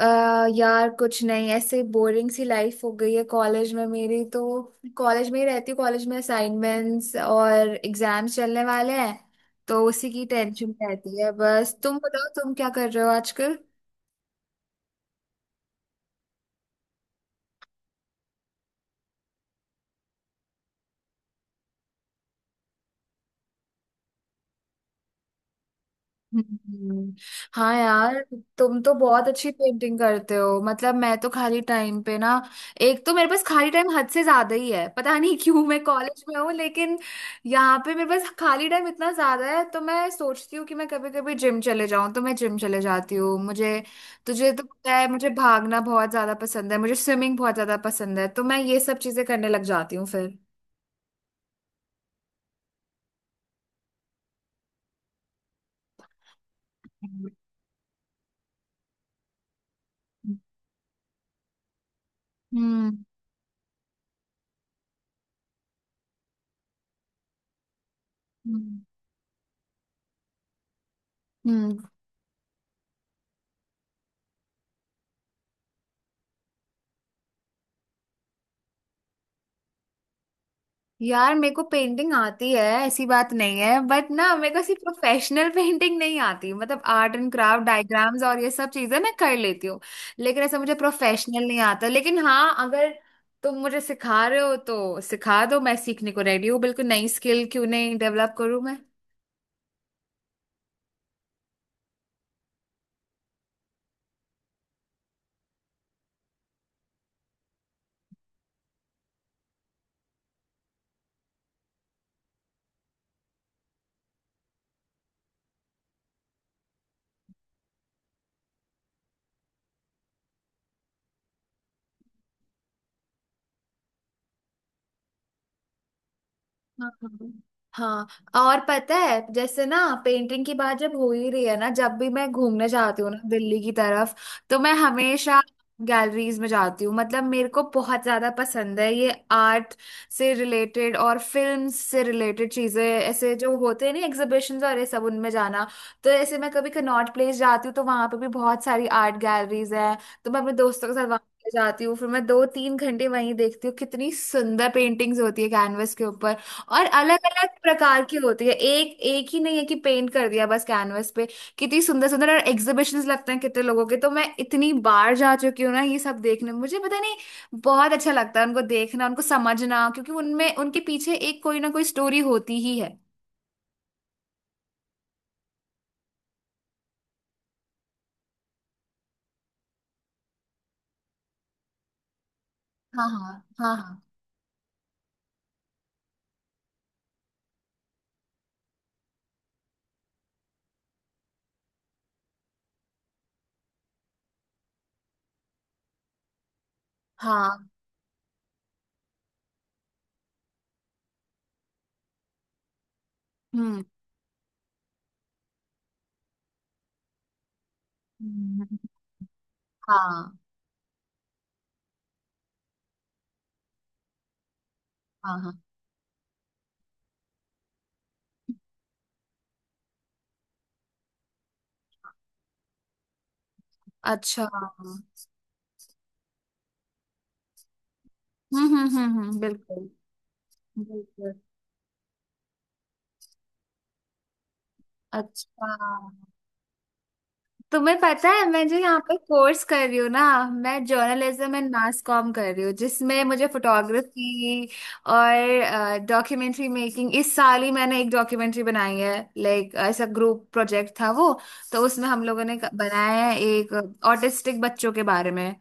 अ यार कुछ नहीं, ऐसे बोरिंग सी लाइफ हो गई है कॉलेज में मेरी तो। कॉलेज में ही रहती हूँ, कॉलेज में असाइनमेंट्स और एग्जाम्स चलने वाले हैं तो उसी की टेंशन रहती है। बस तुम बताओ, तुम क्या कर रहे हो आजकल। हम्म। हाँ यार, तुम तो बहुत अच्छी पेंटिंग करते हो। मतलब मैं तो खाली टाइम पे ना, एक तो मेरे पास खाली टाइम हद से ज्यादा ही है। पता नहीं क्यों, मैं कॉलेज में हूँ लेकिन यहाँ पे मेरे पास खाली टाइम इतना ज्यादा है, तो मैं सोचती हूँ कि मैं कभी कभी जिम चले जाऊँ, तो मैं जिम चले जाती हूँ। मुझे तुझे तो पता है, मुझे भागना बहुत ज्यादा पसंद है, मुझे स्विमिंग बहुत ज्यादा पसंद है, तो मैं ये सब चीजें करने लग जाती हूँ फिर। हम्म, हम्म, हम्म। यार मेरे को पेंटिंग आती है ऐसी बात नहीं है, बट ना मेरे को सिर्फ प्रोफेशनल पेंटिंग नहीं आती। मतलब आर्ट एंड क्राफ्ट, डायग्राम्स और ये सब चीजें मैं कर लेती हूँ, लेकिन ऐसा मुझे प्रोफेशनल नहीं आता। लेकिन हाँ, अगर तुम मुझे सिखा रहे हो तो सिखा दो, मैं सीखने को रेडी हूँ। बिल्कुल, नई स्किल क्यों नहीं डेवलप करूँ मैं। हाँ, हाँ, हाँ। और पता है जैसे ना, पेंटिंग की बात जब हो ही रही है ना, जब भी मैं घूमने जाती हूँ ना दिल्ली की तरफ, तो मैं हमेशा गैलरीज में जाती हूँ। मतलब मेरे को बहुत ज्यादा पसंद है ये आर्ट से रिलेटेड और फिल्म से रिलेटेड चीजें, ऐसे जो होते हैं ना एग्जीबिशंस और ये सब, उनमें जाना। तो ऐसे मैं कभी कनॉट प्लेस जाती हूँ, तो वहां पे भी बहुत सारी आर्ट गैलरीज हैं, तो मैं अपने दोस्तों के साथ वहां जाती हूँ। फिर मैं 2-3 घंटे वहीं देखती हूँ, कितनी सुंदर पेंटिंग्स होती है कैनवस के ऊपर। और अलग अलग प्रकार की होती है, एक एक ही नहीं है कि पेंट कर दिया बस कैनवस पे। कितनी सुंदर सुंदर और एग्जीबिशंस लगते हैं कितने लोगों के, तो मैं इतनी बार जा चुकी हूँ ना ये सब देखने। मुझे पता नहीं, बहुत अच्छा लगता है उनको देखना, उनको समझना, क्योंकि उनमें उनके पीछे एक कोई ना कोई स्टोरी होती ही है। हाँ, हाँ, हाँ, हाँ, हाँ। हम्म, हम्म। हाँ, हाँ, हाँ। अच्छा। हम्म, हम्म, हम्म, हम्म, बिल्कुल, बिल्कुल। अच्छा। तुम्हें पता है मैं जो यहाँ पे कोर्स कर रही हूँ ना, मैं जर्नलिज्म एंड मास कॉम कर रही हूँ, जिसमें मुझे फोटोग्राफी और डॉक्यूमेंट्री मेकिंग। इस साल ही मैंने एक डॉक्यूमेंट्री बनाई है, लाइक ऐसा ग्रुप प्रोजेक्ट था वो। तो उसमें हम लोगों ने बनाया है एक, ऑटिस्टिक बच्चों के बारे में।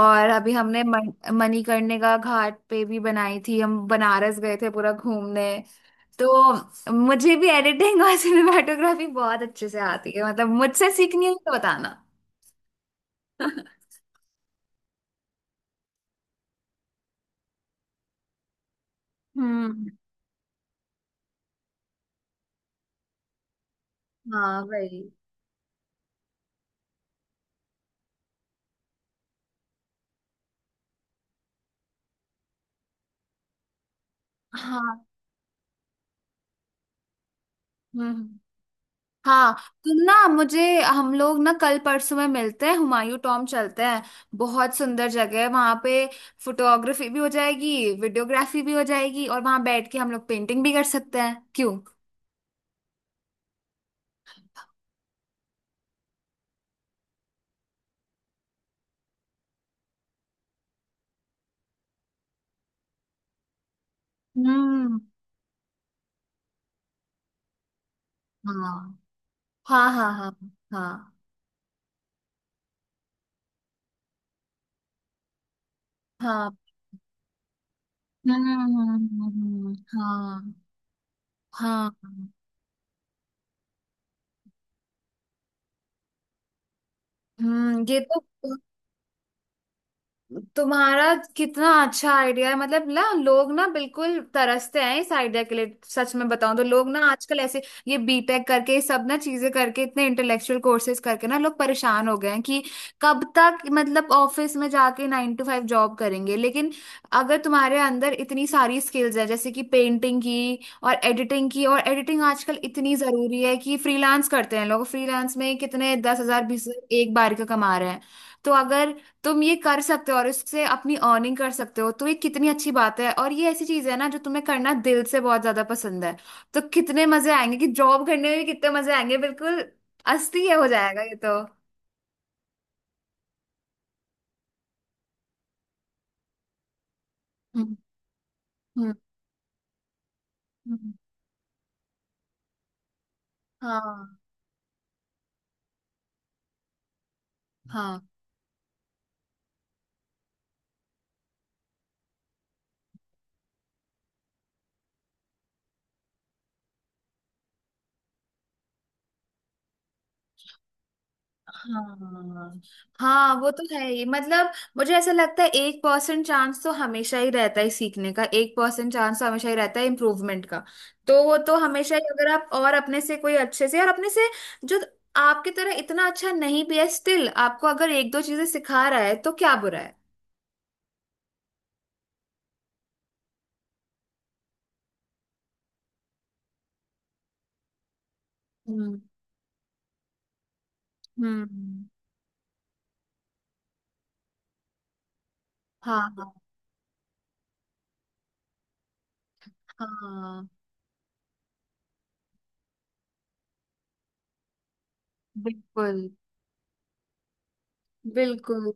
और अभी हमने मणिकर्णिका घाट पे भी बनाई थी, हम बनारस गए थे पूरा घूमने। तो मुझे भी एडिटिंग और सिनेमाटोग्राफी बहुत अच्छे से आती है, मतलब मुझसे सीखनी है तो बताना। हम्म। हाँ भाई। हाँ। हम्म, हाँ। तुम ना मुझे हम लोग ना कल परसों में मिलते हैं, हुमायूं टॉम चलते हैं। बहुत सुंदर जगह है वहां पे, फोटोग्राफी भी हो जाएगी, वीडियोग्राफी भी हो जाएगी, और वहां बैठ के हम लोग पेंटिंग भी कर सकते हैं, क्यों। हम्म। हाँ, हाँ, हाँ, हाँ, हाँ, हाँ। हम्म, हम्म। हाँ, हाँ। हम्म, ये तो। तुम्हारा कितना अच्छा आइडिया है, मतलब ना लोग ना बिल्कुल तरसते हैं इस आइडिया के लिए। सच में बताऊं तो लोग ना आजकल ऐसे ये बीटेक करके, ये सब ना चीजें करके, इतने इंटेलेक्चुअल कोर्सेज करके ना लोग परेशान हो गए हैं कि कब तक, मतलब, ऑफिस में जाके 9 to 5 जॉब करेंगे। लेकिन अगर तुम्हारे अंदर इतनी सारी स्किल्स है जैसे कि पेंटिंग की और एडिटिंग की, और एडिटिंग आजकल इतनी जरूरी है कि फ्रीलांस करते हैं लोग, फ्रीलांस में कितने 10,000 20,000 एक बार का कमा रहे हैं। तो अगर तुम ये कर सकते हो और इससे अपनी अर्निंग कर सकते हो, तो ये कितनी अच्छी बात है। और ये ऐसी चीज है ना जो तुम्हें करना दिल से बहुत ज्यादा पसंद है, तो कितने मजे आएंगे, कि जॉब करने में भी कितने मजे आएंगे बिल्कुल। अस्थि हो जाएगा ये तो। हम्म, हम्म, हम्म। हाँ, हाँ, हाँ। हाँ वो तो है ही, मतलब मुझे ऐसा लगता है 1% चांस तो हमेशा ही रहता है सीखने का, 1% चांस तो हमेशा ही रहता है इम्प्रूवमेंट का। तो वो तो हमेशा ही, अगर आप और अपने से कोई अच्छे से, और अपने से जो आपकी तरह इतना अच्छा नहीं भी है, स्टिल आपको अगर एक दो चीजें सिखा रहा है तो क्या बुरा है। हम्म, हम्म। हाँ, हाँ, हाँ, बिल्कुल, बिल्कुल।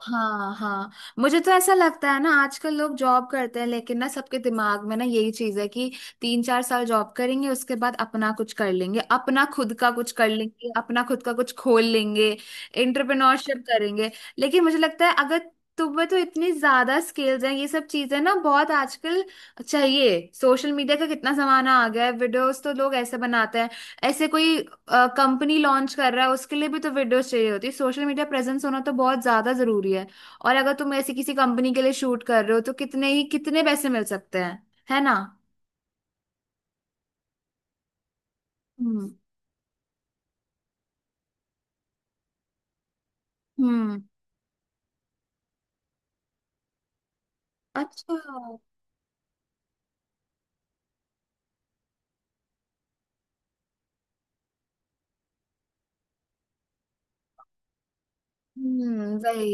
हाँ, हाँ। मुझे तो ऐसा लगता है ना आजकल लोग जॉब करते हैं, लेकिन ना सबके दिमाग में ना यही चीज है कि 3-4 साल जॉब करेंगे, उसके बाद अपना कुछ कर लेंगे, अपना खुद का कुछ कर लेंगे, अपना खुद का कुछ खोल लेंगे, एंटरप्रेन्योरशिप करेंगे। लेकिन मुझे लगता है, अगर तुम्हें तो इतनी ज्यादा स्किल्स हैं, ये सब चीजें ना बहुत आजकल चाहिए। सोशल मीडिया का कितना जमाना आ गया है, वीडियोस तो लोग ऐसे बनाते हैं, ऐसे कोई कंपनी लॉन्च कर रहा है उसके लिए भी तो वीडियोस चाहिए होती है। सोशल मीडिया प्रेजेंस होना तो बहुत ज्यादा जरूरी है। और अगर तुम ऐसी किसी कंपनी के लिए शूट कर रहे हो तो कितने ही कितने पैसे मिल सकते हैं, है ना। हम्म, हम्म। अच्छा। हम्म, वही।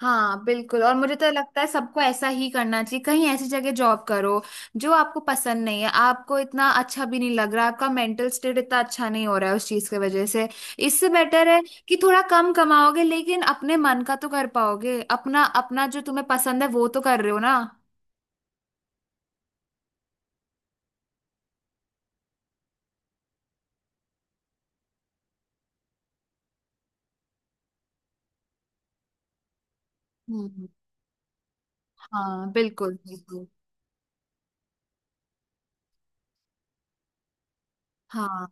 हाँ बिल्कुल, और मुझे तो लगता है सबको ऐसा ही करना चाहिए। कहीं ऐसी जगह जॉब करो जो आपको पसंद नहीं है, आपको इतना अच्छा भी नहीं लग रहा, आपका मेंटल स्टेट इतना अच्छा नहीं हो रहा है उस चीज की वजह से। इससे बेटर है कि थोड़ा कम कमाओगे लेकिन अपने मन का तो कर पाओगे, अपना अपना जो तुम्हें पसंद है वो तो कर रहे हो ना। हम्म। हाँ, बिल्कुल, बिल्कुल। हाँ,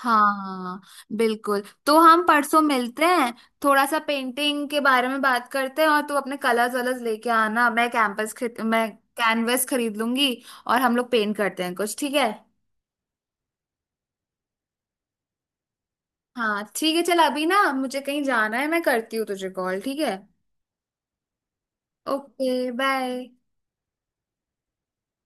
हाँ। बिल्कुल, तो हम परसों मिलते हैं, थोड़ा सा पेंटिंग के बारे में बात करते हैं। और तू अपने कलर्स वलर्स लेके आना, मैं कैंपस खरीद मैं कैनवस खरीद लूंगी, और हम लोग पेंट करते हैं कुछ, ठीक है। हाँ ठीक है, चल अभी ना मुझे कहीं जाना है, मैं करती हूँ तुझे कॉल। ठीक है, ओके बाय।